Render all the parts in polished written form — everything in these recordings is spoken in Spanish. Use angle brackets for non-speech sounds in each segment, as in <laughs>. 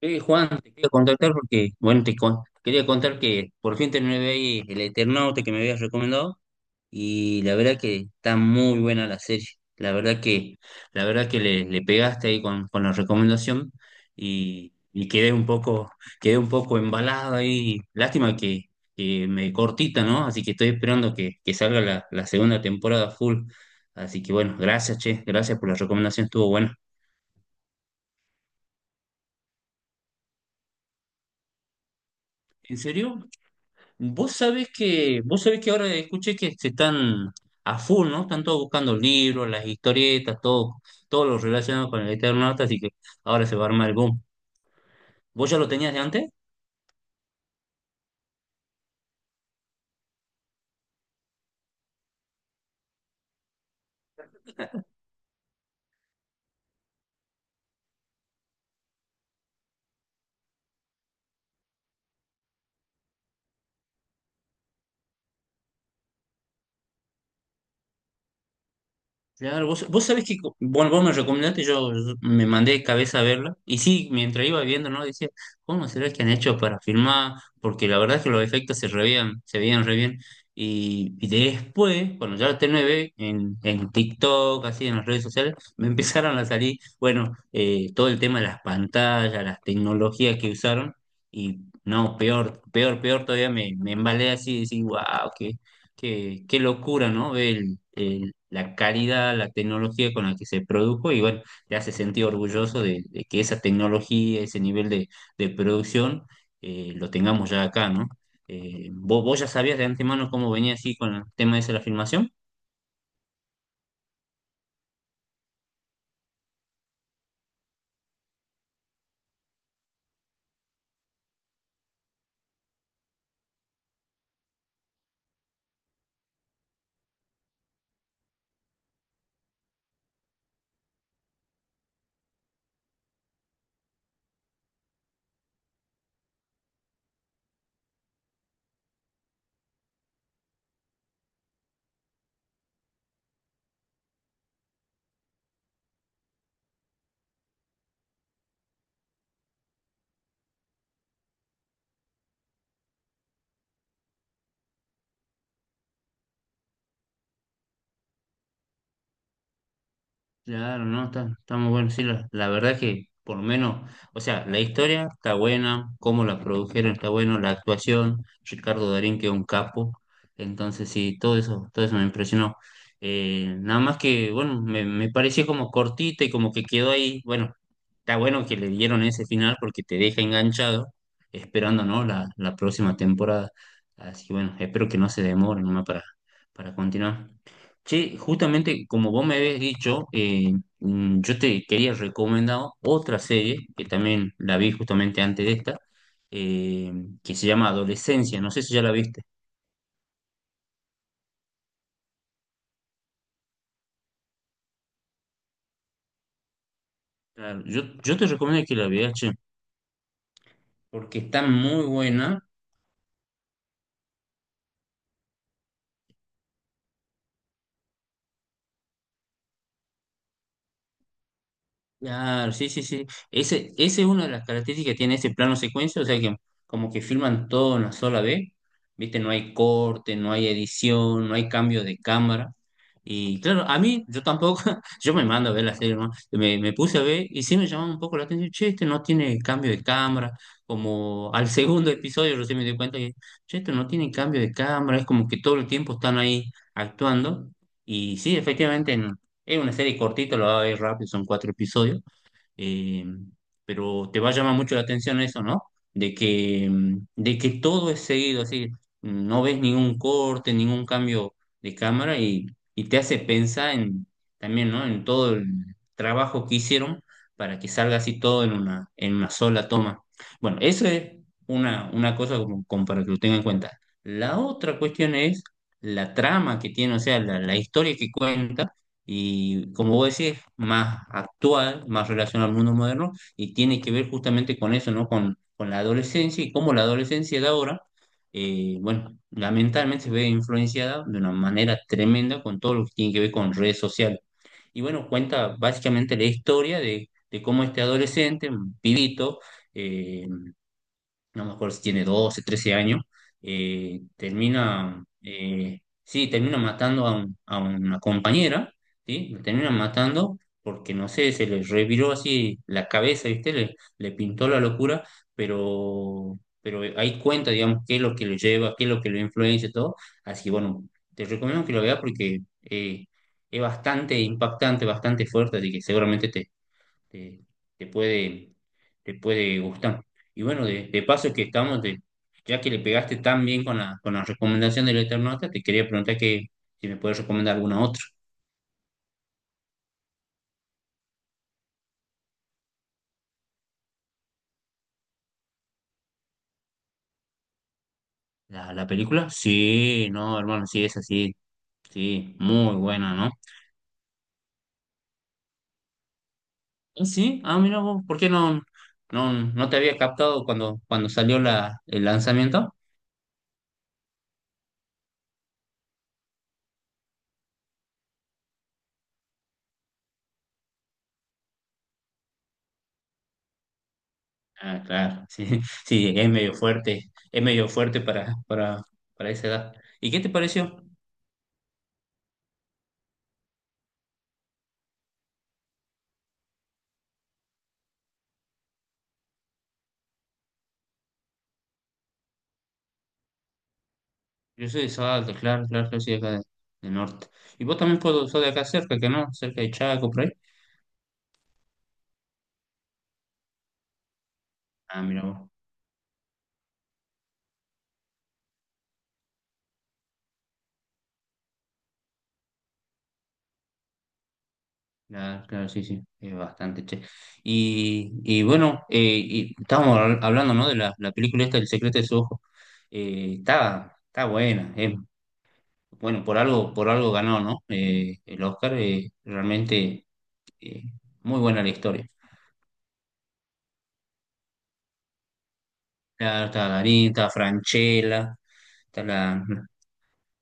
Juan, te quería contactar porque, bueno, quería contar que por fin terminé de ahí el Eternauta que me habías recomendado y la verdad que está muy buena la serie. La verdad que, la verdad que le pegaste ahí con la recomendación y quedé un poco embalado ahí. Que me cortita, ¿no? Así que estoy esperando que salga la segunda temporada full. Así que bueno, gracias, che, gracias por la recomendación, estuvo buena. ¿En serio? Vos sabés que ahora escuché que se están a full, ¿no? Están todos buscando libros, las historietas, todo, todo lo relacionado con el Eternauta, así que ahora se va a armar el boom. ¿Vos ya lo tenías de antes? Claro, vos sabés que, bueno, vos me recomendaste, yo me mandé de cabeza a verla, y sí, mientras iba viendo, ¿no? Decía, ¿cómo será que han hecho para filmar? Porque la verdad es que los efectos se veían re bien, y después, cuando ya la terminé de ver, en TikTok, así, en las redes sociales, <laughs> me empezaron a salir, bueno, todo el tema de las pantallas, las tecnologías que usaron, y no, peor todavía me embalé así, y decir, wow, qué, qué locura, ¿no? Ve la calidad, la tecnología con la que se produjo y bueno, te hace sentir orgulloso de que esa tecnología, ese nivel de producción, lo tengamos ya acá, ¿no? ¿Vos, ya sabías de antemano cómo venía así con el tema ese de la filmación? Claro, no, está, está muy bueno. Sí, la verdad que por lo menos, o sea, la historia está buena, cómo la produjeron está bueno, la actuación, Ricardo Darín que es un capo. Entonces sí, todo eso me impresionó. Nada más que, bueno, me pareció como cortita y como que quedó ahí. Bueno, está bueno que le dieron ese final porque te deja enganchado, esperando, ¿no? La próxima temporada. Así que bueno, espero que no se demore nomás para continuar. Che, justamente como vos me habías dicho, yo te quería recomendar otra serie que también la vi justamente antes de esta, eh, que se llama Adolescencia. No sé si ya la viste. Claro, yo te recomiendo que la veas, che, porque está muy buena. Claro, sí, sí, sí. Ese es una de las características que tiene ese plano secuencia, o sea que como que filman todo en una sola vez, ¿viste? No hay corte, no hay edición, no hay cambio de cámara. Y claro, a mí, yo tampoco, <laughs> yo me mando a ver la serie, ¿no? Me puse a ver y sí me llamaba un poco la atención, che, este no tiene cambio de cámara, como al <laughs> segundo episodio recién me di cuenta que, che, este no tiene cambio de cámara, es como que todo el tiempo están ahí actuando. Y sí, efectivamente, es una serie cortita, lo va a ver rápido, son cuatro episodios, eh, pero te va a llamar mucho la atención eso, ¿no? De que, de que todo es seguido, así, no ves ningún corte, ningún cambio de cámara y te hace pensar en, también, ¿no? En todo el trabajo que hicieron para que salga así todo en una sola toma. Bueno, eso es una cosa como, como para que lo tengan en cuenta. La otra cuestión es la trama que tiene, o sea, la historia que cuenta y como vos decís, más actual, más relacionado al mundo moderno, y tiene que ver justamente con eso, ¿no? Con la adolescencia y cómo la adolescencia de ahora, bueno, lamentablemente se ve influenciada de una manera tremenda con todo lo que tiene que ver con redes sociales. Y bueno, cuenta básicamente la historia de cómo este adolescente, un pibito, eh, no me acuerdo si tiene 12 13 años, termina, sí, termina matando a, a una compañera, ¿sí? La termina matando porque, no sé, se le reviró así la cabeza, ¿viste? Le pintó la locura, pero ahí cuenta, digamos, qué es lo que lo lleva, qué es lo que lo influencia y todo. Así que, bueno, te recomiendo que lo veas porque es bastante impactante, bastante fuerte, así que seguramente te, te puede, te puede gustar. Y bueno, de paso que estamos, ya que le pegaste tan bien con la recomendación del Eternauta, te quería preguntar que si me puedes recomendar alguna otra. ¿La, la película? Sí, no, hermano, sí, es así, sí, muy buena, ¿no? Ah, sí, ah, mira vos, ¿por qué no, no, no te había captado cuando, cuando salió la, el lanzamiento? Ah, claro, sí, <laughs> sí, es medio fuerte para esa edad. ¿Y qué te pareció? Yo soy de Salta, claro, claro, yo soy de acá del norte. Y vos también puedo sos de acá cerca, que ¿no? Cerca de Chaco, por ahí. Ah, mira vos. Claro, claro, sí, sí, es bastante, che. Y bueno, y estábamos hablando, ¿no? De la, la película esta, El secreto de su ojo. Está, está buena, eh. Bueno, por algo ganó, ¿no? El Oscar, realmente eh, muy buena la historia. Claro, está Darín, está Franchella, está la,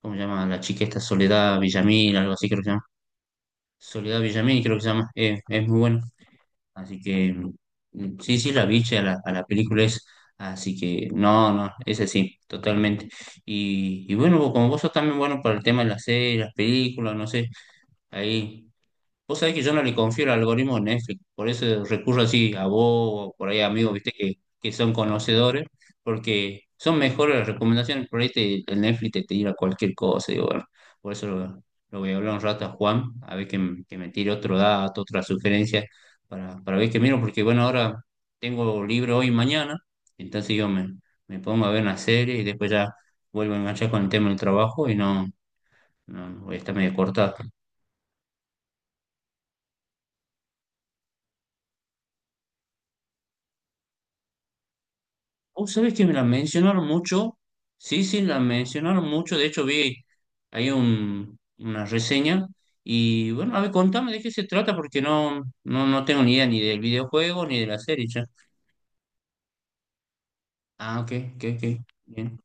¿cómo se llama? La chica esta Soledad Villamil, algo así creo que se llama. Soledad Villamil, creo que se llama, es muy bueno. Así que sí, sí, la vi a la película es. Así que no, no, ese sí, totalmente. Y bueno, como vos sos también bueno para el tema de las series, las películas, no sé, ahí. Vos sabés que yo no le confío el algoritmo de Netflix, por eso recurro así a vos o por ahí a amigos, viste, que son conocedores, porque son mejores las recomendaciones, por ahí el Netflix te tira cualquier cosa, digo, bueno, por eso lo voy a hablar un rato a Juan, a ver que, que me tire otro dato, otra sugerencia, para ver qué miro, porque bueno, ahora tengo libre hoy y mañana, entonces me pongo a ver una serie y después ya vuelvo a enganchar con el tema del trabajo y no, no voy a estar medio cortado. Oh, ¿sabes que me la mencionaron mucho? Sí, sí, la mencionaron mucho. De hecho, vi ahí una reseña. Y bueno, a ver, contame de qué se trata, porque no, no, no tengo ni idea ni del videojuego ni de la serie ya. Ah, ok, ok, ok. Bien.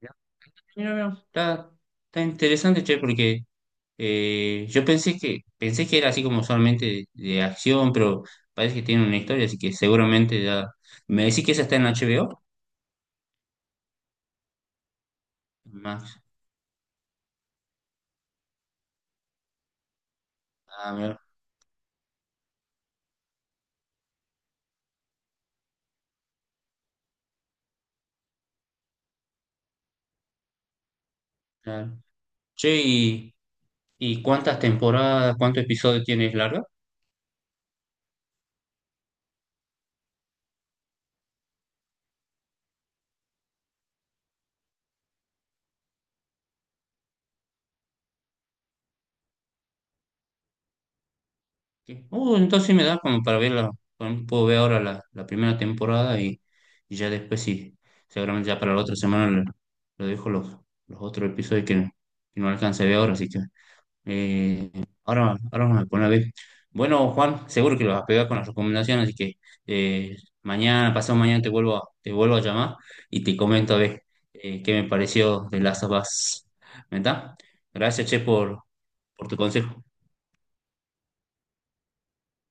Ya. Mira, mira, está, está interesante, che, porque yo pensé que era así como solamente de acción, pero parece que tiene una historia, así que seguramente ya. ¿Me decís que esa está en HBO? Max. Ah, mira, claro. Che, y. ¿Y cuántas temporadas, cuántos episodios tienes larga? ¿Qué? Entonces sí me da como para verla. Bueno, puedo ver ahora la, la primera temporada y ya después sí. Seguramente ya para la otra semana le dejo los otros episodios que no alcancé a ver ahora, así que. Eh, ahora, ahora me pone a ver. Bueno, Juan, seguro que lo vas a pegar con las recomendaciones, así que eh, mañana, pasado mañana te vuelvo a llamar y te comento a ver qué me pareció de las of Us. ¿Verdad? Gracias, che, por tu consejo.